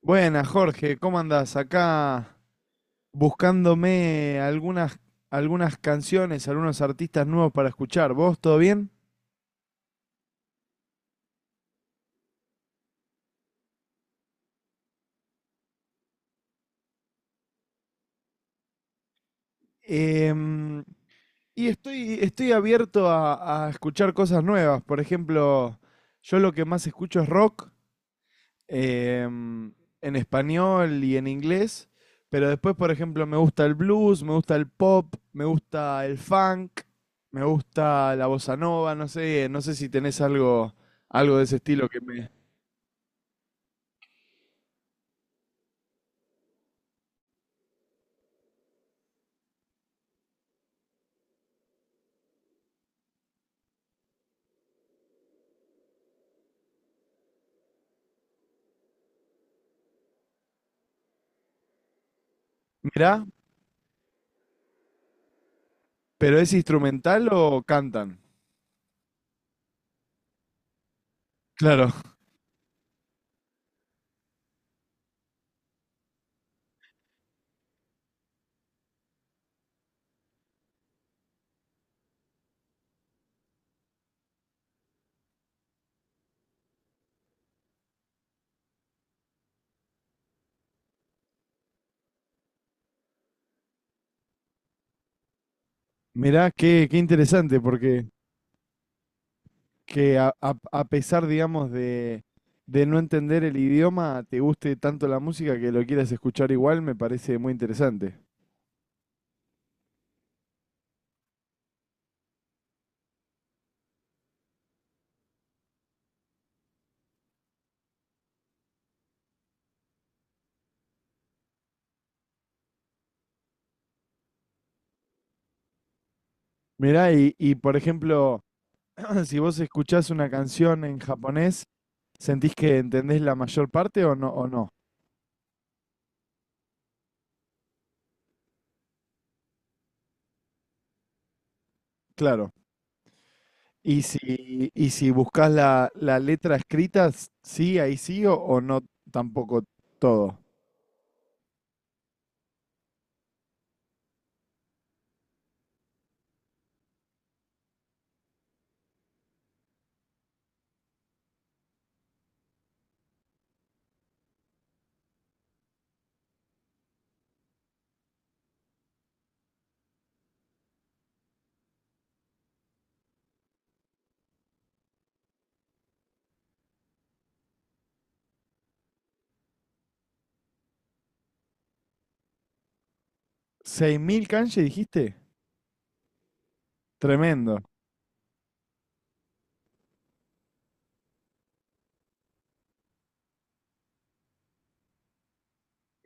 Buenas, Jorge, ¿cómo andás? Acá buscándome algunas canciones, algunos artistas nuevos para escuchar. ¿Vos todo bien? Em, y estoy abierto a escuchar cosas nuevas. Por ejemplo, yo lo que más escucho es rock, em, en español y en inglés, pero después, por ejemplo, me gusta el blues, me gusta el pop, me gusta el funk, me gusta la bossa nova, no sé si tenés algo de ese estilo que me... Mirá, pero ¿es instrumental o cantan? Claro, mirá, qué interesante, porque que a pesar, digamos, de no entender el idioma, te guste tanto la música que lo quieras escuchar igual, me parece muy interesante. Mirá, y por ejemplo... Si vos escuchás una canción en japonés, ¿sentís que entendés la mayor parte o no? ¿O no? Claro. Y si buscas la letra escrita, sí, ahí sí o no tampoco todo. ¿6000 kanji dijiste? Tremendo.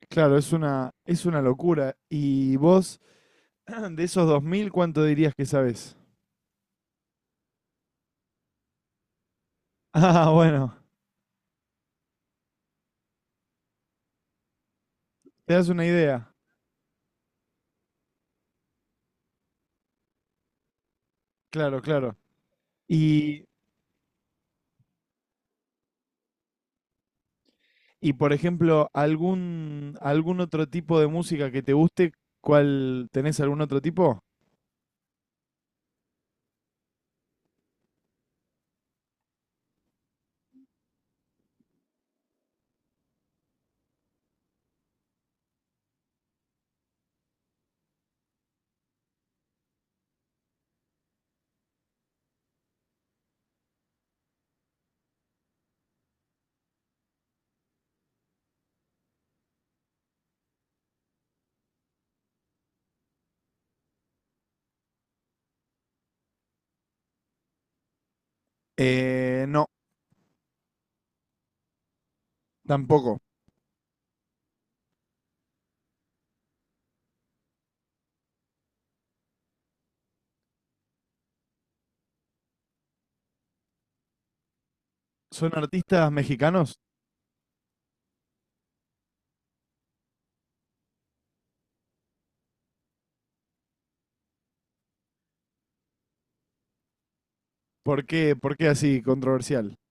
Claro, es es una locura. ¿Y vos, de esos 2000 cuánto dirías que sabes? Ah, bueno, te das una idea. Claro, claro. Y, y por ejemplo, algún otro tipo de música que te guste, ¿cuál tenés algún otro tipo? No, tampoco. ¿Son artistas mexicanos? Por qué así controversial?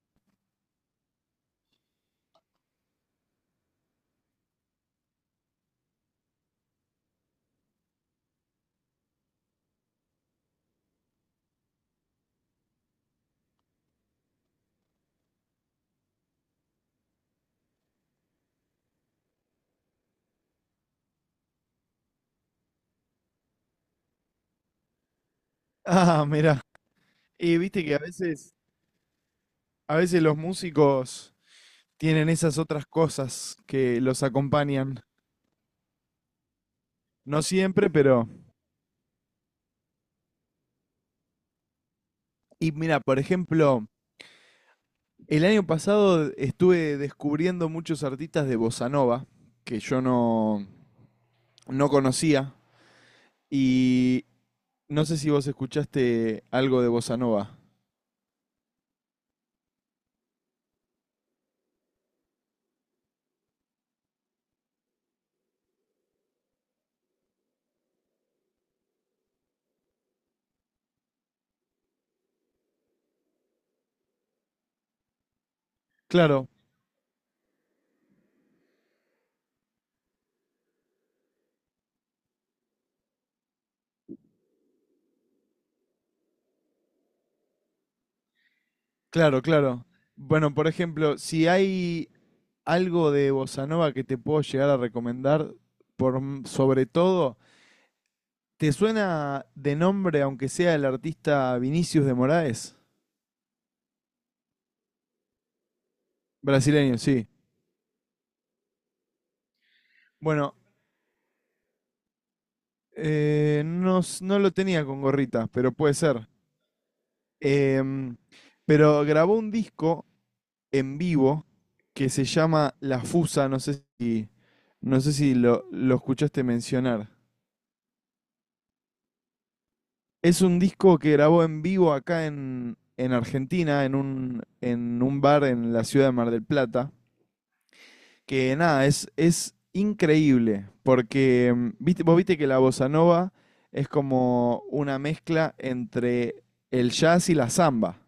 Ah, mira. Y viste que a veces los músicos tienen esas otras cosas que los acompañan. No siempre, pero... Y mira, por ejemplo, el año pasado estuve descubriendo muchos artistas de bossa nova, que yo no conocía, y no sé si vos escuchaste algo de bossa nova. Claro, claro, claro. Bueno, por ejemplo, si hay algo de bossa nova que te puedo llegar a recomendar, por, sobre todo, ¿te suena de nombre, aunque sea el artista Vinicius de Moraes? Brasileño, sí. Bueno, no, no lo tenía con gorrita, pero puede ser. Em, pero grabó un disco en vivo que se llama La Fusa, no sé no sé si lo escuchaste mencionar. Es un disco que grabó en vivo acá en Argentina, en un bar en la ciudad de Mar del Plata. Que nada, es increíble, porque mm, viste, vos viste que la bossa nova es como una mezcla entre el jazz y la samba.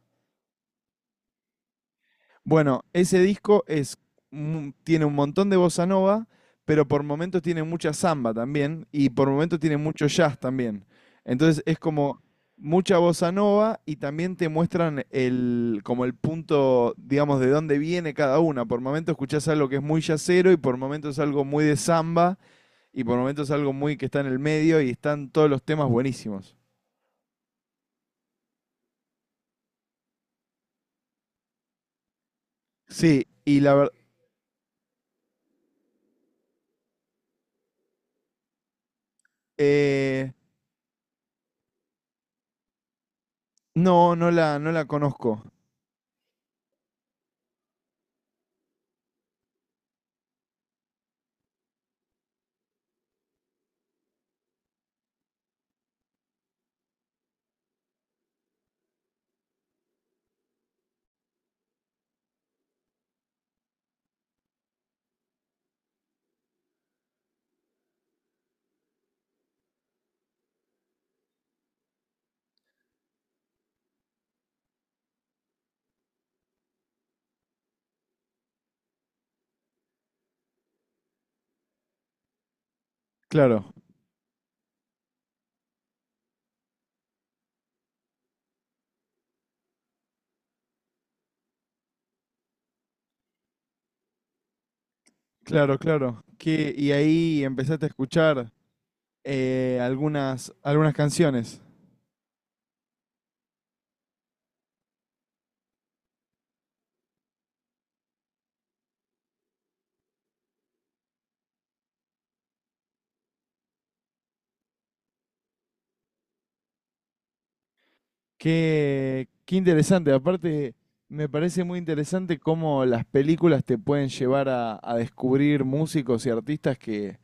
Bueno, ese disco es, tiene un montón de bossa nova, pero por momentos tiene mucha samba también y por momentos tiene mucho jazz también. Entonces es como mucha bossa nova y también te muestran el, como el punto, digamos, de dónde viene cada una. Por momentos escuchás algo que es muy jazzero y por momentos algo muy de samba y por momentos algo muy que está en el medio y están todos los temas buenísimos. Sí, y la verdad... No, no la, no la conozco. Claro. Claro, claro. Que, y ahí empezaste a escuchar algunas canciones. Qué, qué interesante. Aparte, me parece muy interesante cómo las películas te pueden llevar a descubrir músicos y artistas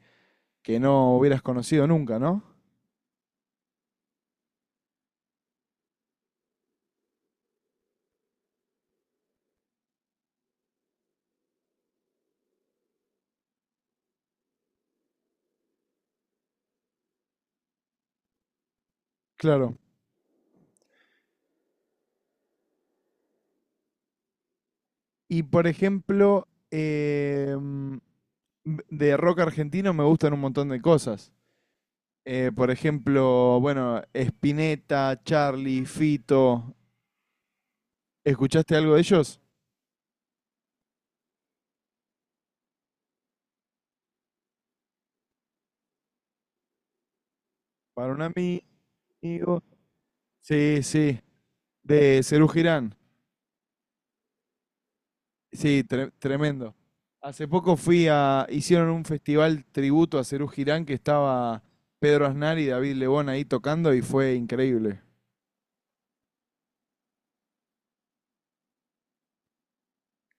que no hubieras conocido nunca, ¿no? Claro. Y por ejemplo, mm, de rock argentino me gustan un montón de cosas. Por ejemplo, bueno, Spinetta, Charlie, Fito, ¿escuchaste algo de ellos? Para un amigo. Sí, sí, de Serú Girán. Sí, tremendo. Hace poco fui a, hicieron un festival tributo a Serú Girán que estaba Pedro Aznar y David Lebón ahí tocando y fue increíble.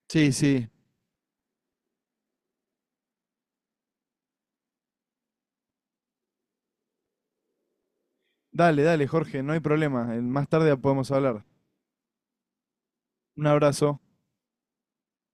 Sí, sí. Dale, dale, Jorge, no hay problema. Más tarde podemos hablar. Un abrazo.